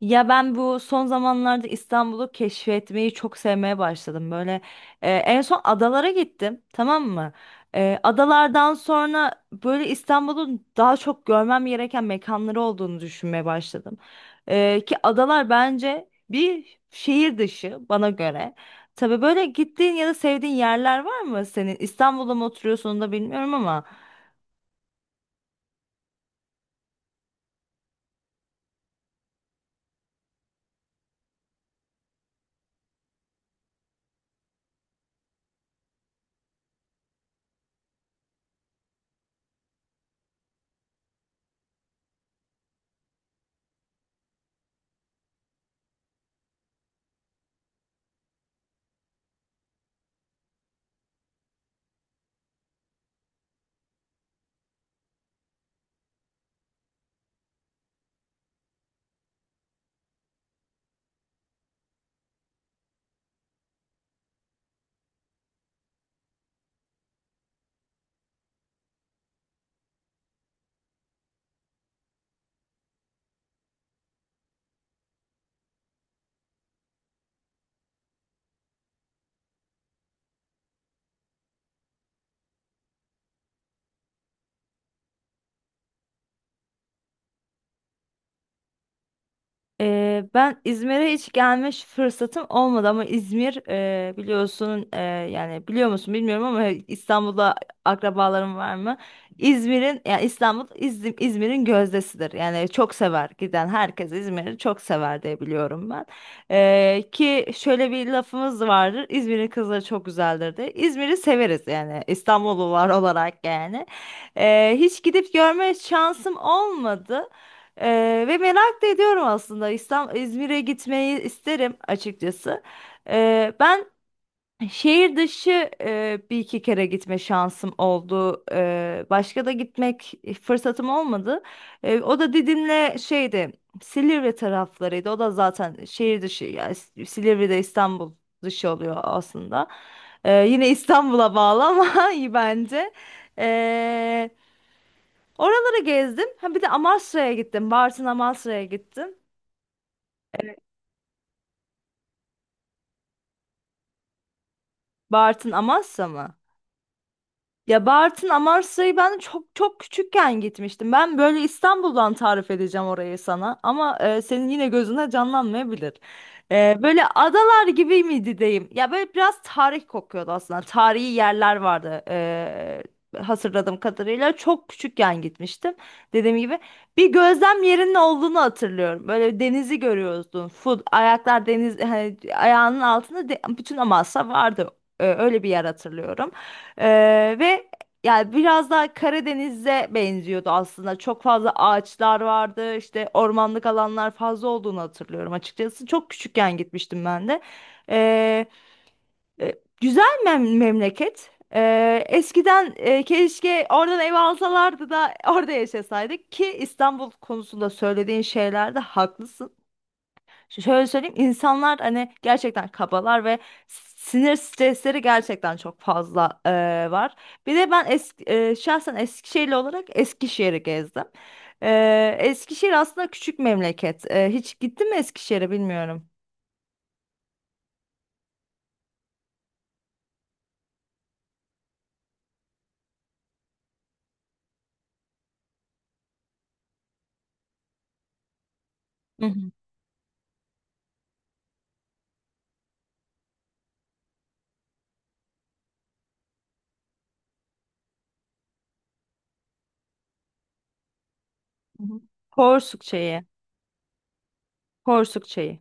Ya ben bu son zamanlarda İstanbul'u keşfetmeyi çok sevmeye başladım. Böyle en son adalara gittim, tamam mı? Adalardan sonra böyle İstanbul'un daha çok görmem gereken mekanları olduğunu düşünmeye başladım. Ki adalar bence bir şehir dışı bana göre. Tabii böyle gittiğin ya da sevdiğin yerler var mı senin? İstanbul'da mı oturuyorsun onu da bilmiyorum ama. Ben İzmir'e hiç gelmiş fırsatım olmadı ama İzmir biliyorsun, yani biliyor musun bilmiyorum ama İstanbul'da akrabalarım var mı? İzmir'in yani İstanbul İzmir'in gözdesidir. Yani çok sever, giden herkes İzmir'i çok sever diye biliyorum ben. Ki şöyle bir lafımız vardır. İzmir'in kızları çok güzeldir diye. İzmir'i severiz yani İstanbullular olarak yani. Hiç gidip görme şansım olmadı. Ve merak da ediyorum aslında, İstanbul İzmir'e gitmeyi isterim açıkçası. Ben şehir dışı bir iki kere gitme şansım oldu. Başka da gitmek fırsatım olmadı. O da Didim'le şeydi, Silivri taraflarıydı. O da zaten şehir dışı yani Silivri'de İstanbul dışı oluyor aslında. Yine İstanbul'a bağlı ama iyi bence. Oraları gezdim. Ha bir de Amasra'ya gittim. Bartın Amasra'ya gittim. Bartın Amasra mı? Ya Bartın Amasya'yı ben çok çok küçükken gitmiştim. Ben böyle İstanbul'dan tarif edeceğim orayı sana ama senin yine gözüne canlanmayabilir. Böyle adalar gibi miydi diyeyim. Ya böyle biraz tarih kokuyordu aslında. Tarihi yerler vardı. Hatırladığım kadarıyla çok küçükken gitmiştim. Dediğim gibi bir gözlem yerinin olduğunu hatırlıyorum. Böyle denizi görüyorsun. Full ayaklar deniz, hani ayağının altında bütün Amasya vardı. Öyle bir yer hatırlıyorum. Ve yani biraz daha Karadeniz'e benziyordu aslında. Çok fazla ağaçlar vardı, işte ormanlık alanlar fazla olduğunu hatırlıyorum açıkçası. Çok küçükken gitmiştim ben de. Ee, e, Güzel memleket. Eskiden keşke oradan ev alsalardı da orada yaşasaydık, ki İstanbul konusunda söylediğin şeylerde haklısın. Şöyle söyleyeyim, insanlar hani gerçekten kabalar ve sinir stresleri gerçekten çok fazla var. Bir de ben şahsen Eskişehirli olarak Eskişehir'i gezdim. Eskişehir aslında küçük memleket. Hiç gittin mi Eskişehir'e bilmiyorum. Hı hı. Hı hı. Porsuk Çayı. Porsuk Çayı.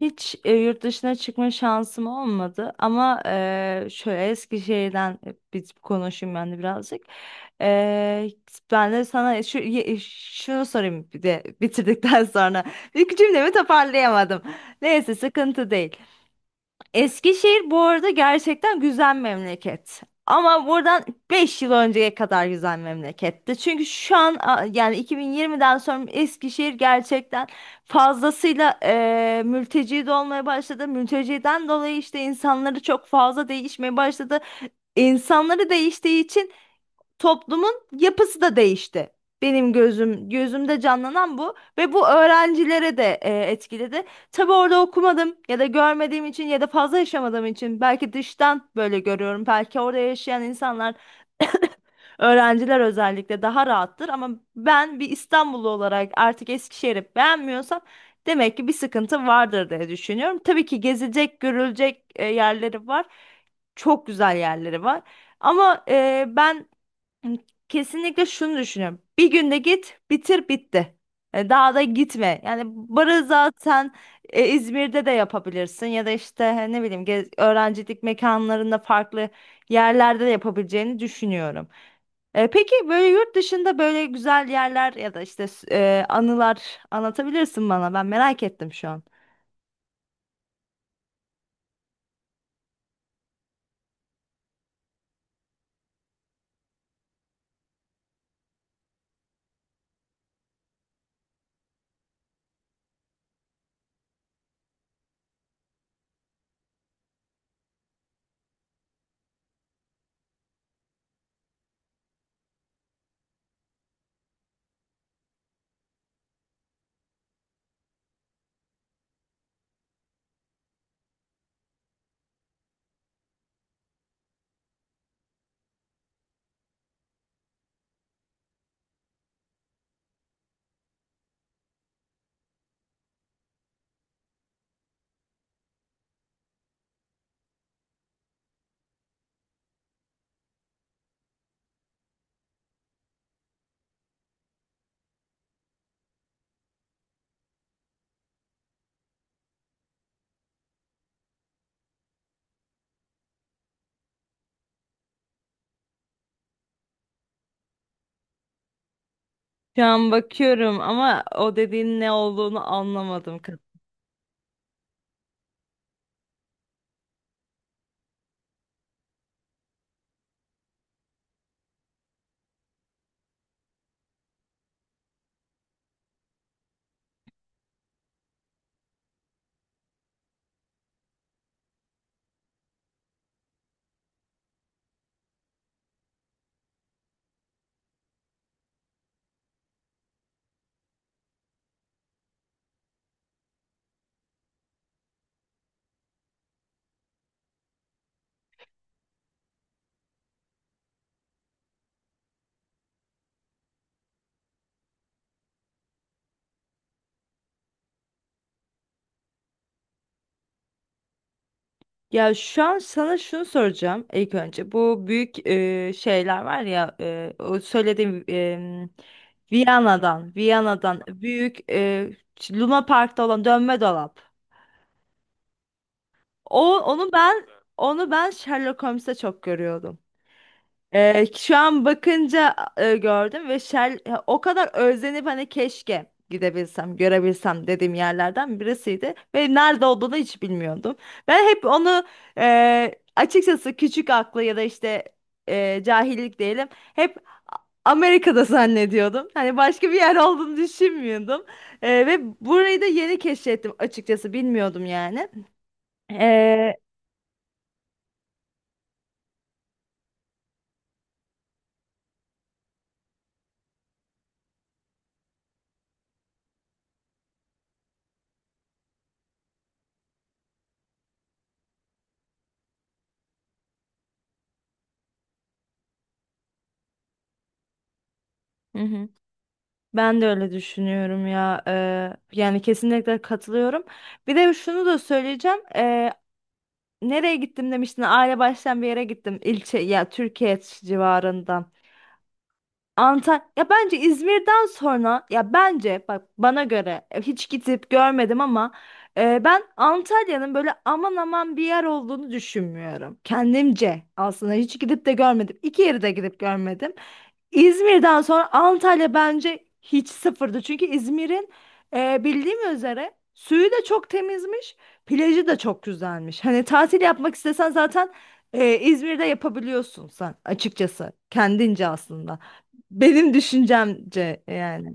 Hiç yurt dışına çıkma şansım olmadı ama şöyle Eskişehir'den biz konuşayım ben de birazcık. E, Ben de sana şunu sorayım bir de bitirdikten sonra. İlk cümlemi toparlayamadım. Neyse, sıkıntı değil. Eskişehir bu arada gerçekten güzel memleket. Ama buradan 5 yıl önceye kadar güzel memleketti. Çünkü şu an yani 2020'den sonra Eskişehir gerçekten fazlasıyla mülteci de olmaya başladı. Mülteciden dolayı işte insanları çok fazla değişmeye başladı. İnsanları değiştiği için toplumun yapısı da değişti. Benim gözümde canlanan bu ve bu öğrencilere de etkiledi. Tabii orada okumadım ya da görmediğim için ya da fazla yaşamadığım için belki dıştan böyle görüyorum. Belki orada yaşayan insanlar, öğrenciler özellikle daha rahattır ama ben bir İstanbullu olarak artık Eskişehir'i beğenmiyorsam demek ki bir sıkıntı vardır diye düşünüyorum. Tabii ki gezilecek, görülecek yerleri var. Çok güzel yerleri var. Ama ben Hı, kesinlikle şunu düşünüyorum. Bir günde git, bitir, bitti. Daha da gitme. Yani barı zaten İzmir'de de yapabilirsin ya da işte ne bileyim, öğrencilik mekanlarında farklı yerlerde de yapabileceğini düşünüyorum. Peki böyle yurt dışında böyle güzel yerler ya da işte anılar anlatabilirsin bana. Ben merak ettim şu an. Şu an bakıyorum ama o dediğin ne olduğunu anlamadım. Ya şu an sana şunu soracağım ilk önce. Bu büyük şeyler var ya, o söylediğim, Viyana'dan büyük, Luna Park'ta olan dönme dolap. O onu ben onu ben Sherlock Holmes'te çok görüyordum. Şu an bakınca gördüm ve o kadar özlenip hani keşke gidebilsem, görebilsem dediğim yerlerden birisiydi. Ve nerede olduğunu hiç bilmiyordum. Ben hep onu, açıkçası küçük aklı ya da işte cahillik diyelim, hep Amerika'da zannediyordum. Hani başka bir yer olduğunu düşünmüyordum. Ve burayı da yeni keşfettim açıkçası, bilmiyordum yani. E, Hı hı. Ben de öyle düşünüyorum ya. Yani kesinlikle katılıyorum. Bir de şunu da söyleyeceğim. Nereye gittim demiştin? Aile baştan bir yere gittim. İlçe ya Türkiye civarından. Antalya ya bence İzmir'den sonra, ya bence bak bana göre, hiç gidip görmedim ama ben Antalya'nın böyle aman aman bir yer olduğunu düşünmüyorum. Kendimce, aslında hiç gidip de görmedim. İki yeri de gidip görmedim. İzmir'den sonra Antalya bence hiç sıfırdı. Çünkü İzmir'in bildiğim üzere suyu da çok temizmiş, plajı da çok güzelmiş. Hani tatil yapmak istesen zaten İzmir'de yapabiliyorsun sen açıkçası. Kendince aslında. Benim düşüncemce yani.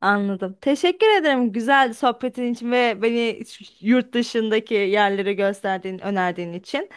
Anladım. Teşekkür ederim güzel sohbetin için ve beni yurt dışındaki yerleri gösterdiğin, önerdiğin için.